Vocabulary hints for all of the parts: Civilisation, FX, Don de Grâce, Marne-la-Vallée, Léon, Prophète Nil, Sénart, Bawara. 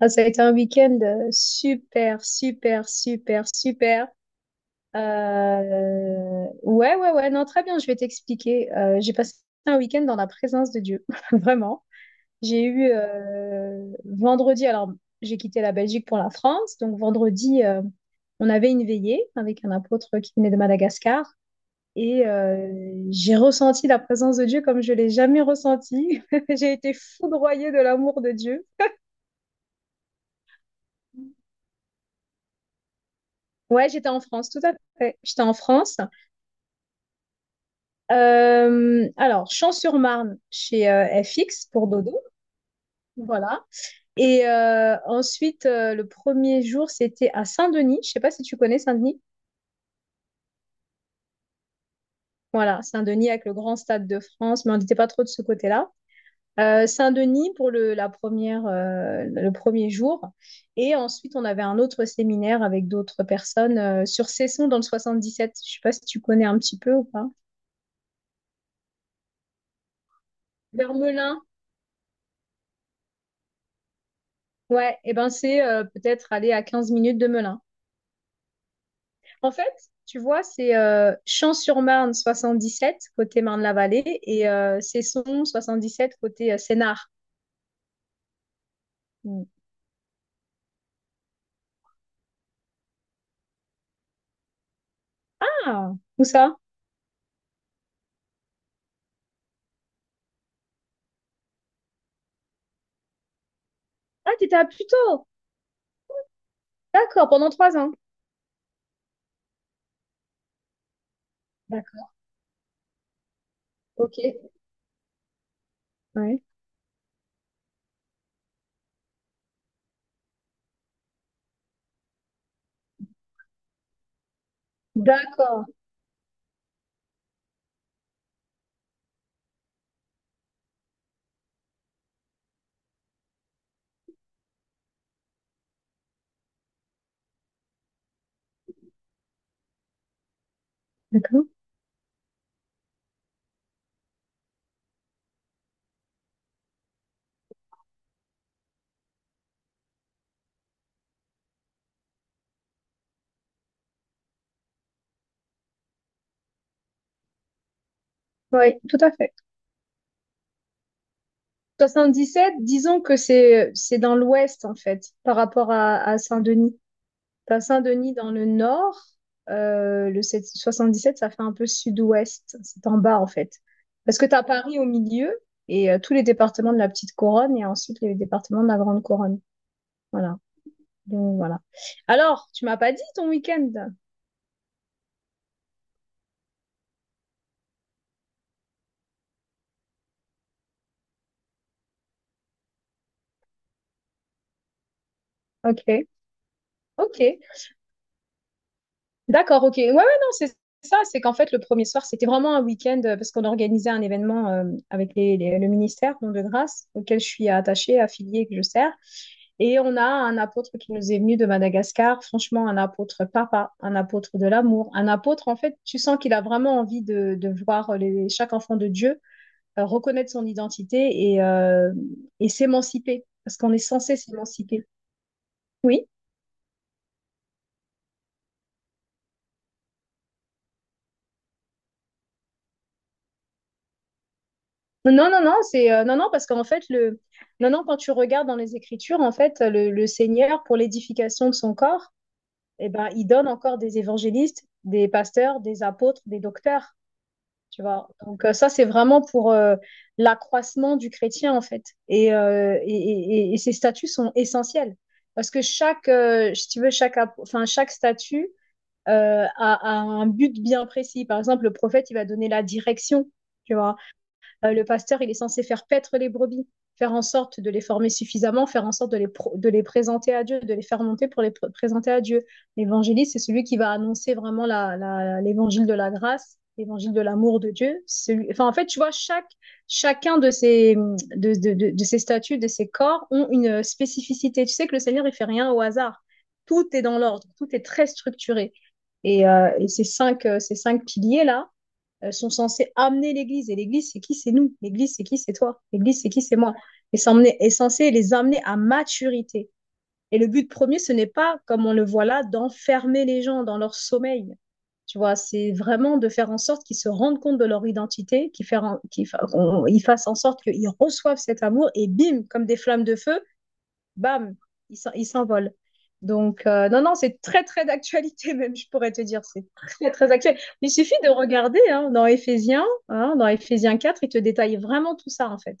Ah, ça a été un week-end super, super, super, super. Ouais, ouais, ouais, non, très bien, je vais t'expliquer. J'ai passé un week-end dans la présence de Dieu, vraiment. J'ai eu vendredi, alors j'ai quitté la Belgique pour la France, donc vendredi, on avait une veillée avec un apôtre qui venait de Madagascar et j'ai ressenti la présence de Dieu comme je l'ai jamais ressentie. J'ai été foudroyée de l'amour de Dieu. Ouais, j'étais en France, tout à fait. J'étais en France. Alors, Champs-sur-Marne chez FX pour Dodo. Voilà. Et ensuite, le premier jour, c'était à Saint-Denis. Je sais pas si tu connais Saint-Denis. Voilà, Saint-Denis avec le grand stade de France, mais on n'était pas trop de ce côté-là. Saint-Denis pour le premier jour. Et ensuite, on avait un autre séminaire avec d'autres personnes sur Cesson dans le 77. Je sais pas si tu connais un petit peu ou pas. Vers Melun, ouais, et ben c'est peut-être aller à 15 minutes de Melun. En fait, tu vois, c'est Champs-sur-Marne 77 côté Marne-la-Vallée et Cesson 77 côté Sénart. Mm. Ah, où ça? Ah, t'étais à Puteaux. D'accord, pendant 3 ans. D'accord. Ok. Ouais. D'accord. D'accord. Oui, tout à fait. 77, disons que c'est dans l'ouest en fait, par rapport à Saint-Denis. T'as Saint-Denis dans le nord, le 7 77, ça fait un peu sud-ouest, c'est en bas en fait. Parce que t'as Paris au milieu et tous les départements de la petite couronne et ensuite les départements de la grande couronne. Voilà. Donc voilà. Alors, tu m'as pas dit ton week-end. Ok, ok, d'accord, ok. Ouais, ouais, non, c'est ça, c'est qu'en fait le premier soir, c'était vraiment un week-end parce qu'on organisait un événement avec le ministère, Don de Grâce, auquel je suis attachée, affiliée, que je sers. Et on a un apôtre qui nous est venu de Madagascar, franchement, un apôtre papa, un apôtre de l'amour, un apôtre, en fait, tu sens qu'il a vraiment envie de voir chaque enfant de Dieu reconnaître son identité et s'émanciper, parce qu'on est censé s'émanciper. Oui. Non, non, non, c'est non, non, parce qu'en fait, le, non, non, quand tu regardes dans les Écritures, en fait, le Seigneur, pour l'édification de son corps, eh ben, il donne encore des évangélistes, des pasteurs, des apôtres, des docteurs. Tu vois. Donc ça, c'est vraiment pour l'accroissement du chrétien, en fait. Et ces statuts sont essentiels. Parce que si tu veux, enfin, chaque statut a un but bien précis. Par exemple, le prophète, il va donner la direction, tu vois. Le pasteur, il est censé faire paître les brebis, faire en sorte de les former suffisamment, faire en sorte de les présenter à Dieu, de les faire monter pour les pr présenter à Dieu. L'évangéliste, c'est celui qui va annoncer vraiment l'évangile de la grâce l'évangile de l'amour de Dieu. Celui... Enfin, en fait, tu vois, chacun de ces statues, de ces corps, ont une spécificité. Tu sais que le Seigneur, il fait rien au hasard. Tout est dans l'ordre, tout est très structuré. Et ces cinq piliers-là, sont censés amener l'Église. Et l'Église, c'est qui? C'est nous. L'Église, c'est qui? C'est toi. L'Église, c'est qui? C'est moi. Est censé les amener à maturité. Et le but premier, ce n'est pas, comme on le voit là, d'enfermer les gens dans leur sommeil. Tu vois, c'est vraiment de faire en sorte qu'ils se rendent compte de leur identité, qu'ils faire en- qu'ils fa- ils fassent en sorte qu'ils reçoivent cet amour et bim, comme des flammes de feu, bam, il s'envole. Donc, non, non, c'est très, très d'actualité, même, je pourrais te dire. C'est très, très actuel. Il suffit de regarder hein, dans Éphésiens, hein, dans Éphésiens 4, il te détaille vraiment tout ça, en fait.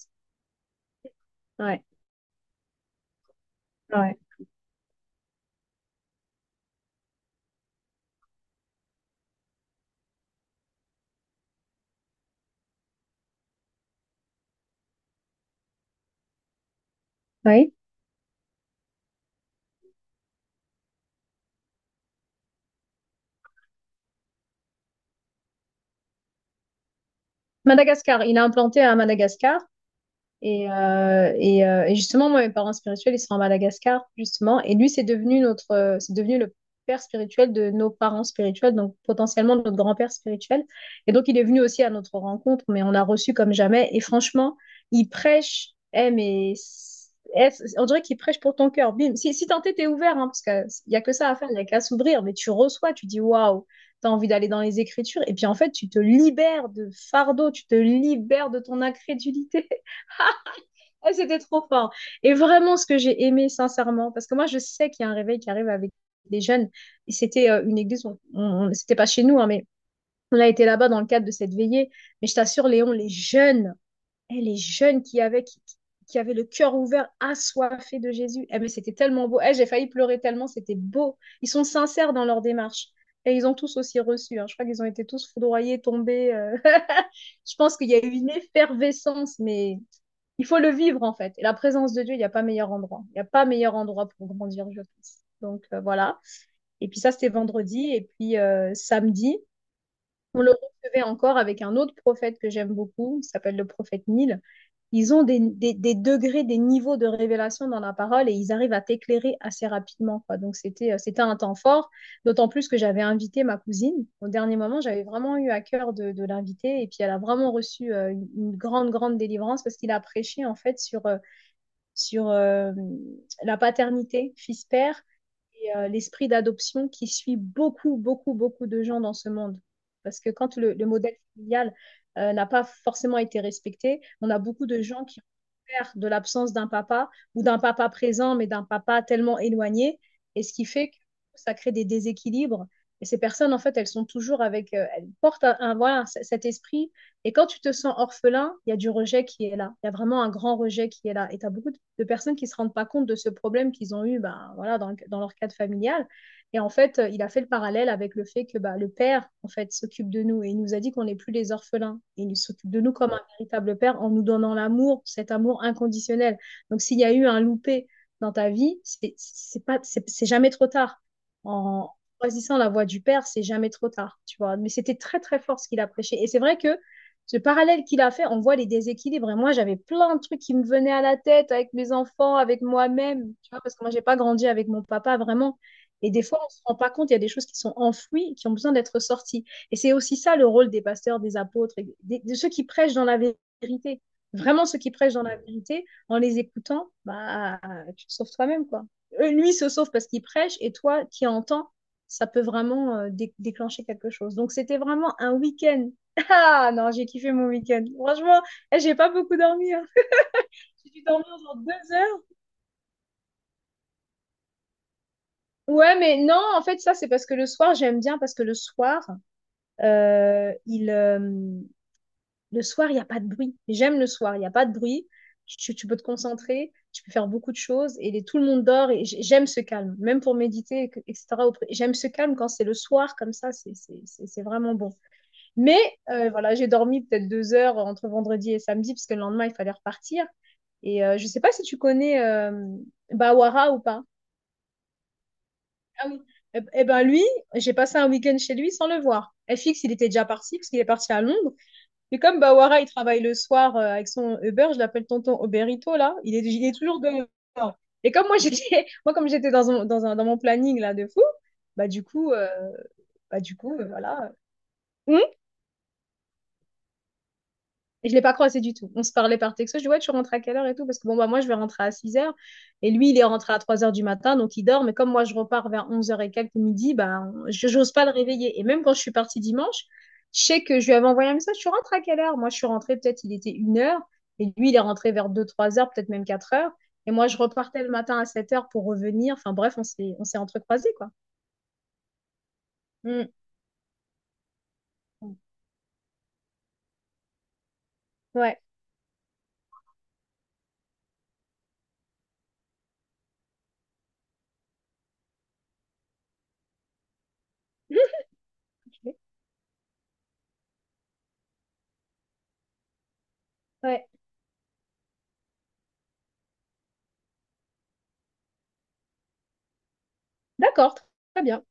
Ouais, ouais, oui. Madagascar, il a implanté à Madagascar. Et justement, moi, mes parents spirituels, ils sont à Madagascar, justement. Et lui, c'est devenu notre, c'est devenu le père spirituel de nos parents spirituels, donc potentiellement notre grand-père spirituel. Et donc, il est venu aussi à notre rencontre, mais on a reçu comme jamais. Et franchement, il prêche, on dirait qu'il prêche pour ton cœur. Bim. Si tenté, t'es ouvert, hein, parce qu'il n'y a que ça à faire, il n'y a qu'à s'ouvrir, mais tu reçois, tu dis waouh. T'as envie d'aller dans les Écritures et puis en fait tu te libères de fardeau, tu te libères de ton incrédulité. Ah, c'était trop fort. Et vraiment, ce que j'ai aimé, sincèrement, parce que moi, je sais qu'il y a un réveil qui arrive avec des jeunes. Et c'était une église, c'était pas chez nous, hein, mais on a été là-bas dans le cadre de cette veillée. Mais je t'assure, Léon, les jeunes qui avaient le cœur ouvert, assoiffés de Jésus. Eh, mais c'était tellement beau. Eh, j'ai failli pleurer tellement, c'était beau. Ils sont sincères dans leur démarche. Et ils ont tous aussi reçu, hein. Je crois qu'ils ont été tous foudroyés, tombés. Je pense qu'il y a eu une effervescence, mais il faut le vivre en fait. Et la présence de Dieu, il n'y a pas meilleur endroit. Il n'y a pas meilleur endroit pour grandir, je pense. Donc voilà. Et puis ça, c'était vendredi. Et puis samedi, on le recevait encore avec un autre prophète que j'aime beaucoup, il s'appelle le prophète Nil. Ils ont des, degrés, des niveaux de révélation dans la parole et ils arrivent à t'éclairer assez rapidement. Quoi. Donc c'était un temps fort, d'autant plus que j'avais invité ma cousine. Au dernier moment, j'avais vraiment eu à cœur de l'inviter et puis elle a vraiment reçu une grande, grande délivrance parce qu'il a prêché en fait sur la paternité fils-père et l'esprit d'adoption qui suit beaucoup, beaucoup, beaucoup de gens dans ce monde. Parce que quand le modèle familial n'a pas forcément été respecté, on a beaucoup de gens qui ont peur de l'absence d'un papa ou d'un papa présent, mais d'un papa tellement éloigné. Et ce qui fait que ça crée des déséquilibres. Et ces personnes, en fait, elles sont toujours avec, elles portent un, voilà, cet esprit et quand tu te sens orphelin, il y a du rejet qui est là. Il y a vraiment un grand rejet qui est là. Et tu as beaucoup de personnes qui ne se rendent pas compte de ce problème qu'ils ont eu ben, voilà, dans leur cadre familial. Et en fait, il a fait le parallèle avec le fait que bah, le père, en fait, s'occupe de nous et il nous a dit qu'on n'est plus les orphelins. Et il s'occupe de nous comme un véritable père en nous donnant l'amour, cet amour inconditionnel. Donc, s'il y a eu un loupé dans ta vie, c'est pas, c'est jamais trop tard. En choisissant la voie du père, c'est jamais trop tard, tu vois. Mais c'était très très fort ce qu'il a prêché. Et c'est vrai que ce parallèle qu'il a fait, on voit les déséquilibres. Et moi, j'avais plein de trucs qui me venaient à la tête avec mes enfants, avec moi-même, tu vois, parce que moi, j'ai pas grandi avec mon papa vraiment. Et des fois, on ne se rend pas compte, il y a des choses qui sont enfouies, qui ont besoin d'être sorties. Et c'est aussi ça le rôle des pasteurs, des apôtres, et de ceux qui prêchent dans la vérité. Vraiment, ceux qui prêchent dans la vérité, en les écoutant, bah, tu te sauves toi-même, quoi. Lui il se sauve parce qu'il prêche, et toi qui entends, ça peut vraiment déclencher quelque chose. Donc, c'était vraiment un week-end ah non, j'ai kiffé mon week-end. Franchement, j'ai pas beaucoup dormi, hein. J'ai dû dormir genre 2 heures. Ouais, mais non, en fait, ça, c'est parce que le soir, j'aime bien parce que euh, il, euh, le soir, il n'y a pas de bruit. J'aime le soir, il n'y a pas de bruit. Tu peux te concentrer, tu peux faire beaucoup de choses et tout le monde dort et j'aime ce calme, même pour méditer, etc. J'aime ce calme quand c'est le soir comme ça, c'est vraiment bon. Mais voilà, j'ai dormi peut-être 2 heures entre vendredi et samedi parce que le lendemain, il fallait repartir. Et je sais pas si tu connais Bawara ou pas. Ah oui. Ben lui, j'ai passé un week-end chez lui sans le voir. FX, il était déjà parti parce qu'il est parti à Londres. Mais comme Bawara, il travaille le soir avec son Uber, je l'appelle tonton Oberito là, il est toujours dehors. Et comme moi j'étais, moi comme j'étais dans mon planning là de fou, bah du coup, euh, bah du coup, voilà. Hmm. Et je l'ai pas croisé du tout. On se parlait par texto. Je dis, ouais, tu rentres à quelle heure et tout? Parce que bon, bah, moi, je vais rentrer à 6 heures. Et lui, il est rentré à 3 heures du matin, donc il dort. Mais comme moi, je repars vers 11 heures et quelques midi, bah, je n'ose pas le réveiller. Et même quand je suis partie dimanche, je sais que je lui avais envoyé un message, tu rentres à quelle heure? Moi, je suis rentrée, peut-être, il était 1 heure. Et lui, il est rentré vers 2 3 heures, peut-être même 4 heures. Et moi, je repartais le matin à 7 heures pour revenir. Enfin, bref, on s'est entrecroisés, quoi. Mm. Ouais. Ouais. D'accord. Très bien.